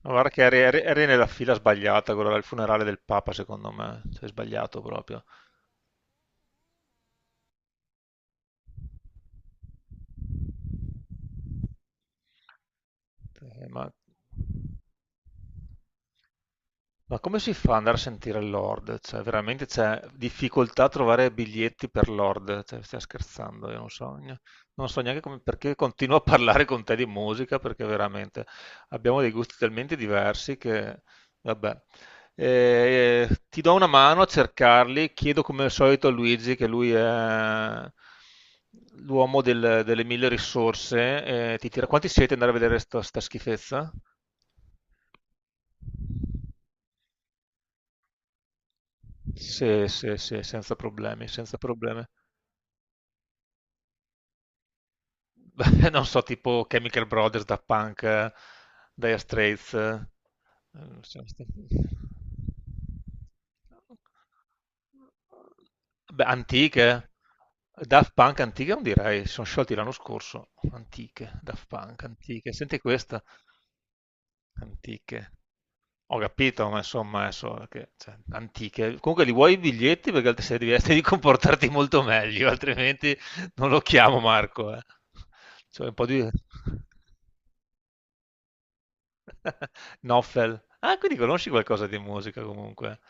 Guarda che eri nella fila sbagliata, quello là, il funerale del Papa, secondo me. Sei sbagliato proprio. Eh, ma Ma come si fa ad andare a sentire Lord? Cioè, veramente c'è difficoltà a trovare biglietti per Lord? Cioè, stai scherzando, io non so neanche perché continuo a parlare con te di musica, perché veramente abbiamo dei gusti talmente diversi che, vabbè. Ti do una mano a cercarli, chiedo come al solito a Luigi, che lui è l'uomo delle mille risorse, ti tira... Quanti siete andare a vedere sta schifezza? Sì, sì, sì, senza problemi, senza problemi. Beh, non so, tipo Chemical Brothers, da Punk, Dire Straits. Non so, st- Beh, antiche. Daft Punk antiche non direi, si sono sciolti l'anno scorso. Antiche, Daft Punk antiche. Senti questa, antiche. Ho capito, ma insomma, adesso che, cioè, antiche. Comunque li vuoi i biglietti perché altri sei devi di comportarti molto meglio, altrimenti non lo chiamo Marco. Cioè, un po' di Noffel. Ah, quindi conosci qualcosa di musica comunque.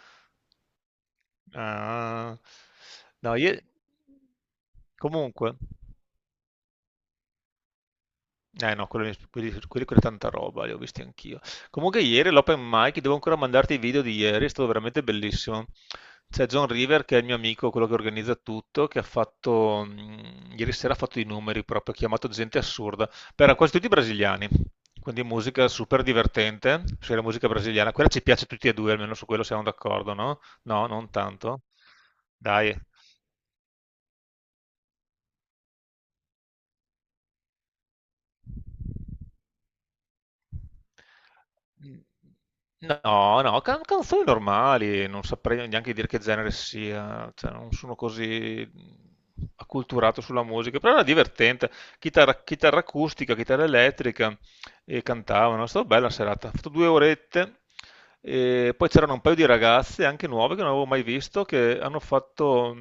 Ah. No, io... Comunque. Eh no, quelli con tanta roba, li ho visti anch'io. Comunque ieri l'open mic, devo ancora mandarti i video di ieri, è stato veramente bellissimo. C'è John River, che è il mio amico, quello che organizza tutto, che ha fatto, ieri sera ha fatto i numeri proprio, ha chiamato gente assurda, per quasi tutti brasiliani, quindi musica super divertente, se la musica brasiliana, quella ci piace a tutti e due, almeno su quello siamo d'accordo, no? No, non tanto. Dai. No, no, canzoni normali, non saprei neanche dire che genere sia, cioè, non sono così acculturato sulla musica, però era divertente, chitarra, chitarra acustica, chitarra elettrica e cantavano, è stata bella la serata, ho fatto due orette, e poi c'erano un paio di ragazze, anche nuove, che non avevo mai visto, che hanno fatto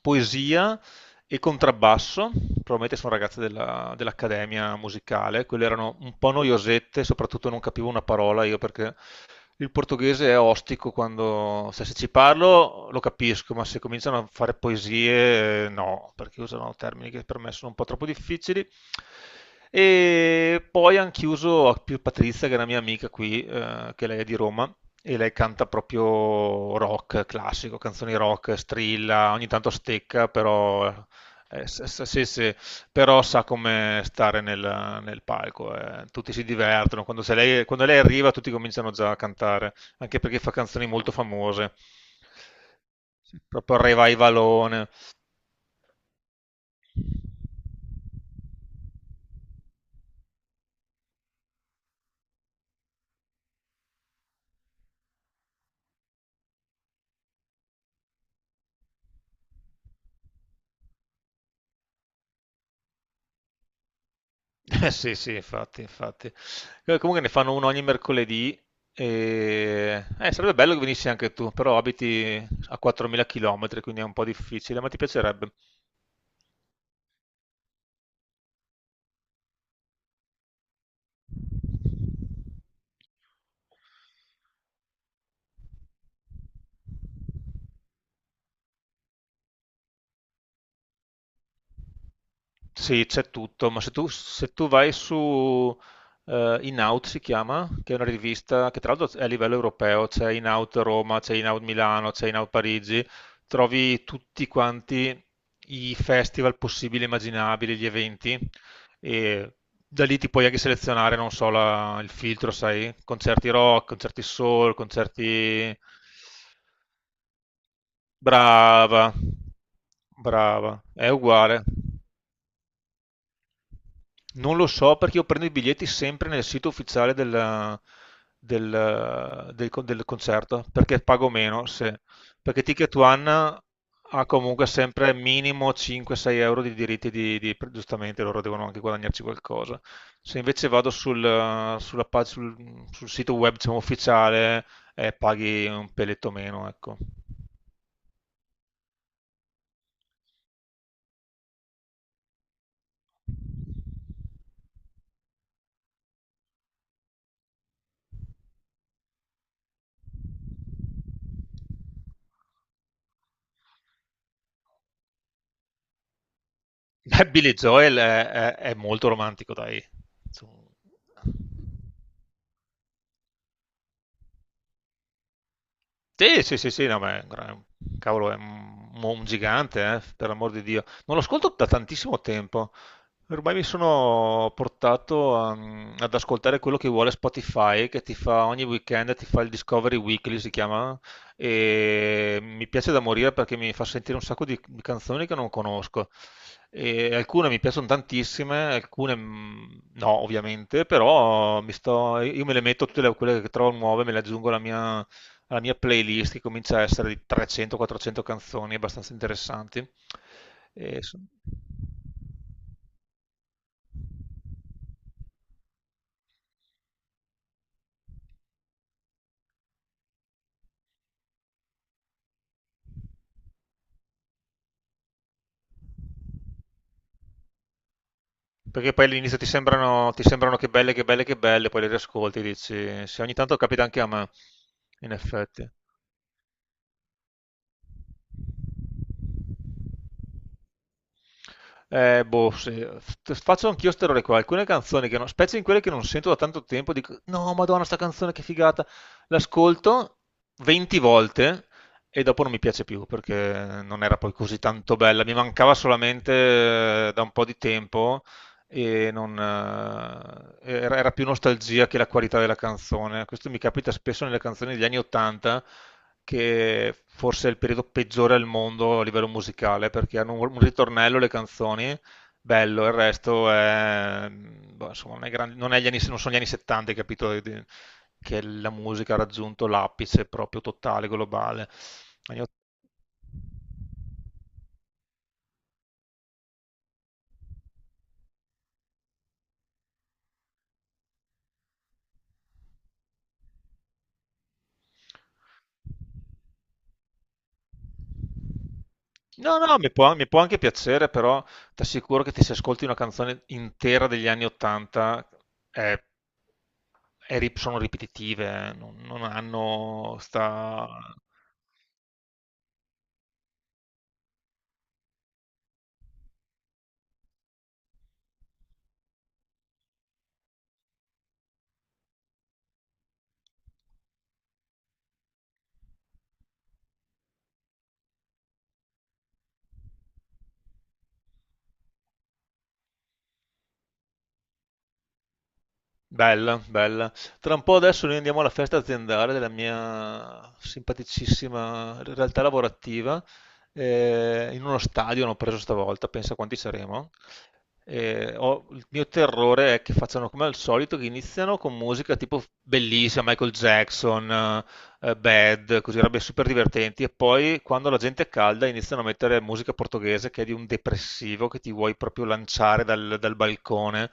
poesia e contrabbasso, probabilmente sono ragazze dell'accademia musicale, quelle erano un po' noiosette, soprattutto non capivo una parola io perché il portoghese è ostico quando, cioè, se ci parlo lo capisco, ma se cominciano a fare poesie, no, perché usano termini che per me sono un po' troppo difficili. E poi hanno chiuso a più Patrizia, che è una mia amica qui, che lei è di Roma, e lei canta proprio rock classico, canzoni rock, strilla, ogni tanto stecca, però se, se- se- se però sa come stare nel palco, Tutti si divertono, quando, se lei, quando lei arriva tutti cominciano già a cantare, anche perché fa canzoni molto famose, proprio revivalone. Sì sì infatti, infatti. Comunque ne fanno uno ogni mercoledì, sarebbe bello che venissi anche tu, però abiti a 4.000 km, quindi è un po' difficile, ma ti piacerebbe. Sì, c'è tutto, ma se tu vai su In Out si chiama, che è una rivista che tra l'altro è a livello europeo, c'è In Out Roma, c'è In Out Milano, c'è In Out Parigi, trovi tutti quanti i festival possibili e immaginabili, gli eventi, e da lì ti puoi anche selezionare, non so, il filtro, sai, concerti rock, concerti soul, concerti... Brava, brava, è uguale. Non lo so perché io prendo i biglietti sempre nel sito ufficiale del concerto perché pago meno, perché Ticket One ha comunque sempre minimo 5-6 euro di diritti giustamente loro devono anche guadagnarci qualcosa. Se invece vado sul sito web diciamo, ufficiale, paghi un peletto meno, ecco. Beh, Billy Joel è molto romantico, dai. Insomma. Sì, sì, sì, sì, no, ma è un cavolo, è un gigante, per l'amor di Dio. Non lo ascolto da tantissimo tempo. Ormai mi sono portato ad ascoltare quello che vuole Spotify, che ti fa ogni weekend, ti fa il Discovery Weekly, si chiama, e mi piace da morire perché mi fa sentire un sacco di canzoni che non conosco. E alcune mi piacciono tantissime, alcune no, ovviamente, però io me le metto tutte quelle che trovo nuove, me le aggiungo alla mia playlist che comincia a essere di 300-400 canzoni abbastanza interessanti. E so- perché poi all'inizio ti sembrano che belle, che belle, che belle, poi le riascolti e dici, sì, ogni tanto capita anche a me, in effetti. Boh, sì. Faccio anch'io ste robe qua, alcune canzoni che non, specie in quelle che non sento da tanto tempo, dico, no, madonna, sta canzone che figata. L'ascolto 20 volte e dopo non mi piace più perché non era poi così tanto bella, mi mancava solamente da un po' di tempo e non, era più nostalgia che la qualità della canzone. Questo mi capita spesso nelle canzoni degli anni 80 che forse è il periodo peggiore al mondo a livello musicale, perché hanno un ritornello le canzoni, bello, il resto è, boh, insomma, non è grande- non è gli anni- non sono gli anni 70, hai capito, che la musica ha raggiunto l'apice proprio totale, globale. Anni ott- No, no, mi può anche piacere, però ti assicuro che ti se ascolti una canzone intera degli anni 80 è sono ripetitive, non, non hanno sta... Bella, bella. Tra un po' adesso noi andiamo alla festa aziendale della mia simpaticissima realtà lavorativa, in uno stadio hanno preso stavolta, pensa quanti saremo. Il mio terrore è che facciano come al solito, che iniziano con musica tipo bellissima, Michael Jackson, Bad, così robe super divertenti, e poi quando la gente è calda iniziano a mettere musica portoghese che è di un depressivo che ti vuoi proprio lanciare dal balcone.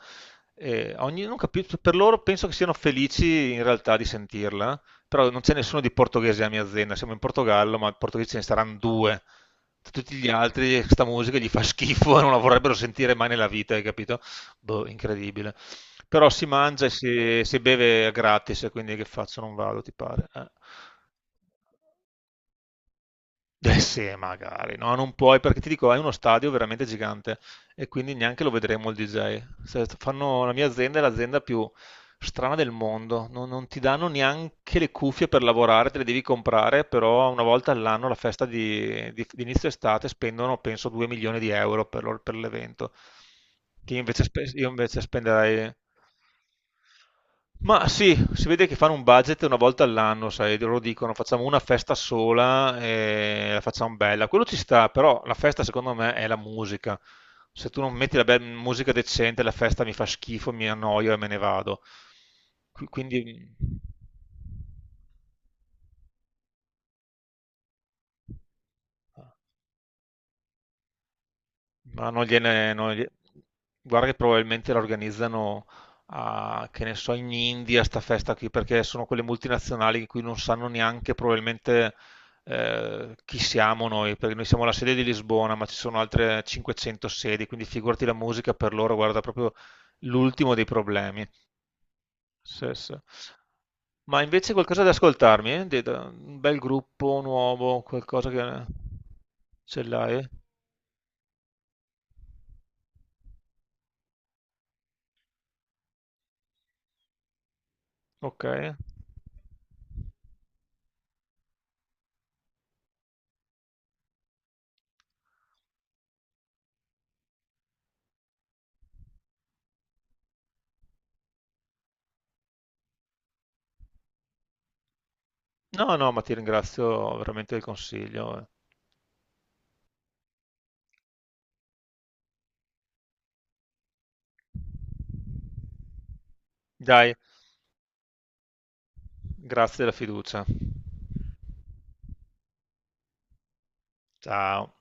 Non capisco, per loro penso che siano felici in realtà di sentirla, però non c'è nessuno di portoghese a mia azienda, siamo in Portogallo, ma portoghesi ce ne saranno due. Tutti gli altri, questa musica gli fa schifo e non la vorrebbero sentire mai nella vita, hai capito? Boh, incredibile. Però si mangia e si beve gratis, quindi che faccio? Non vado, ti pare? Eh sì, magari, no, non puoi, perché ti dico, hai uno stadio veramente gigante e quindi neanche lo vedremo il DJ. Se fanno la mia azienda è l'azienda più strana del mondo, non, non ti danno neanche le cuffie per lavorare, te le devi comprare, però una volta all'anno, la festa di inizio estate, spendono penso 2 milioni di euro per l'evento, che io invece spenderei... Ma sì, si vede che fanno un budget una volta all'anno, sai, loro dicono facciamo una festa sola e la facciamo bella. Quello ci sta, però la festa secondo me è la musica. Se tu non metti la musica decente, la festa mi fa schifo, mi annoio e me ne vado. Quindi, mm, ma non gliene, non glie- guarda che probabilmente la organizzano a, che ne so, in India, sta festa qui, perché sono quelle multinazionali in cui non sanno neanche probabilmente chi siamo noi, perché noi siamo la sede di Lisbona, ma ci sono altre 500 sedi, quindi figurati la musica per loro, guarda, proprio l'ultimo dei problemi. Sì, sì. Ma invece qualcosa da ascoltarmi, eh? Un bel gruppo nuovo, qualcosa che ce l'hai? Ok. No, no, ma ti ringrazio veramente del consiglio. Dai, grazie della fiducia. Ciao.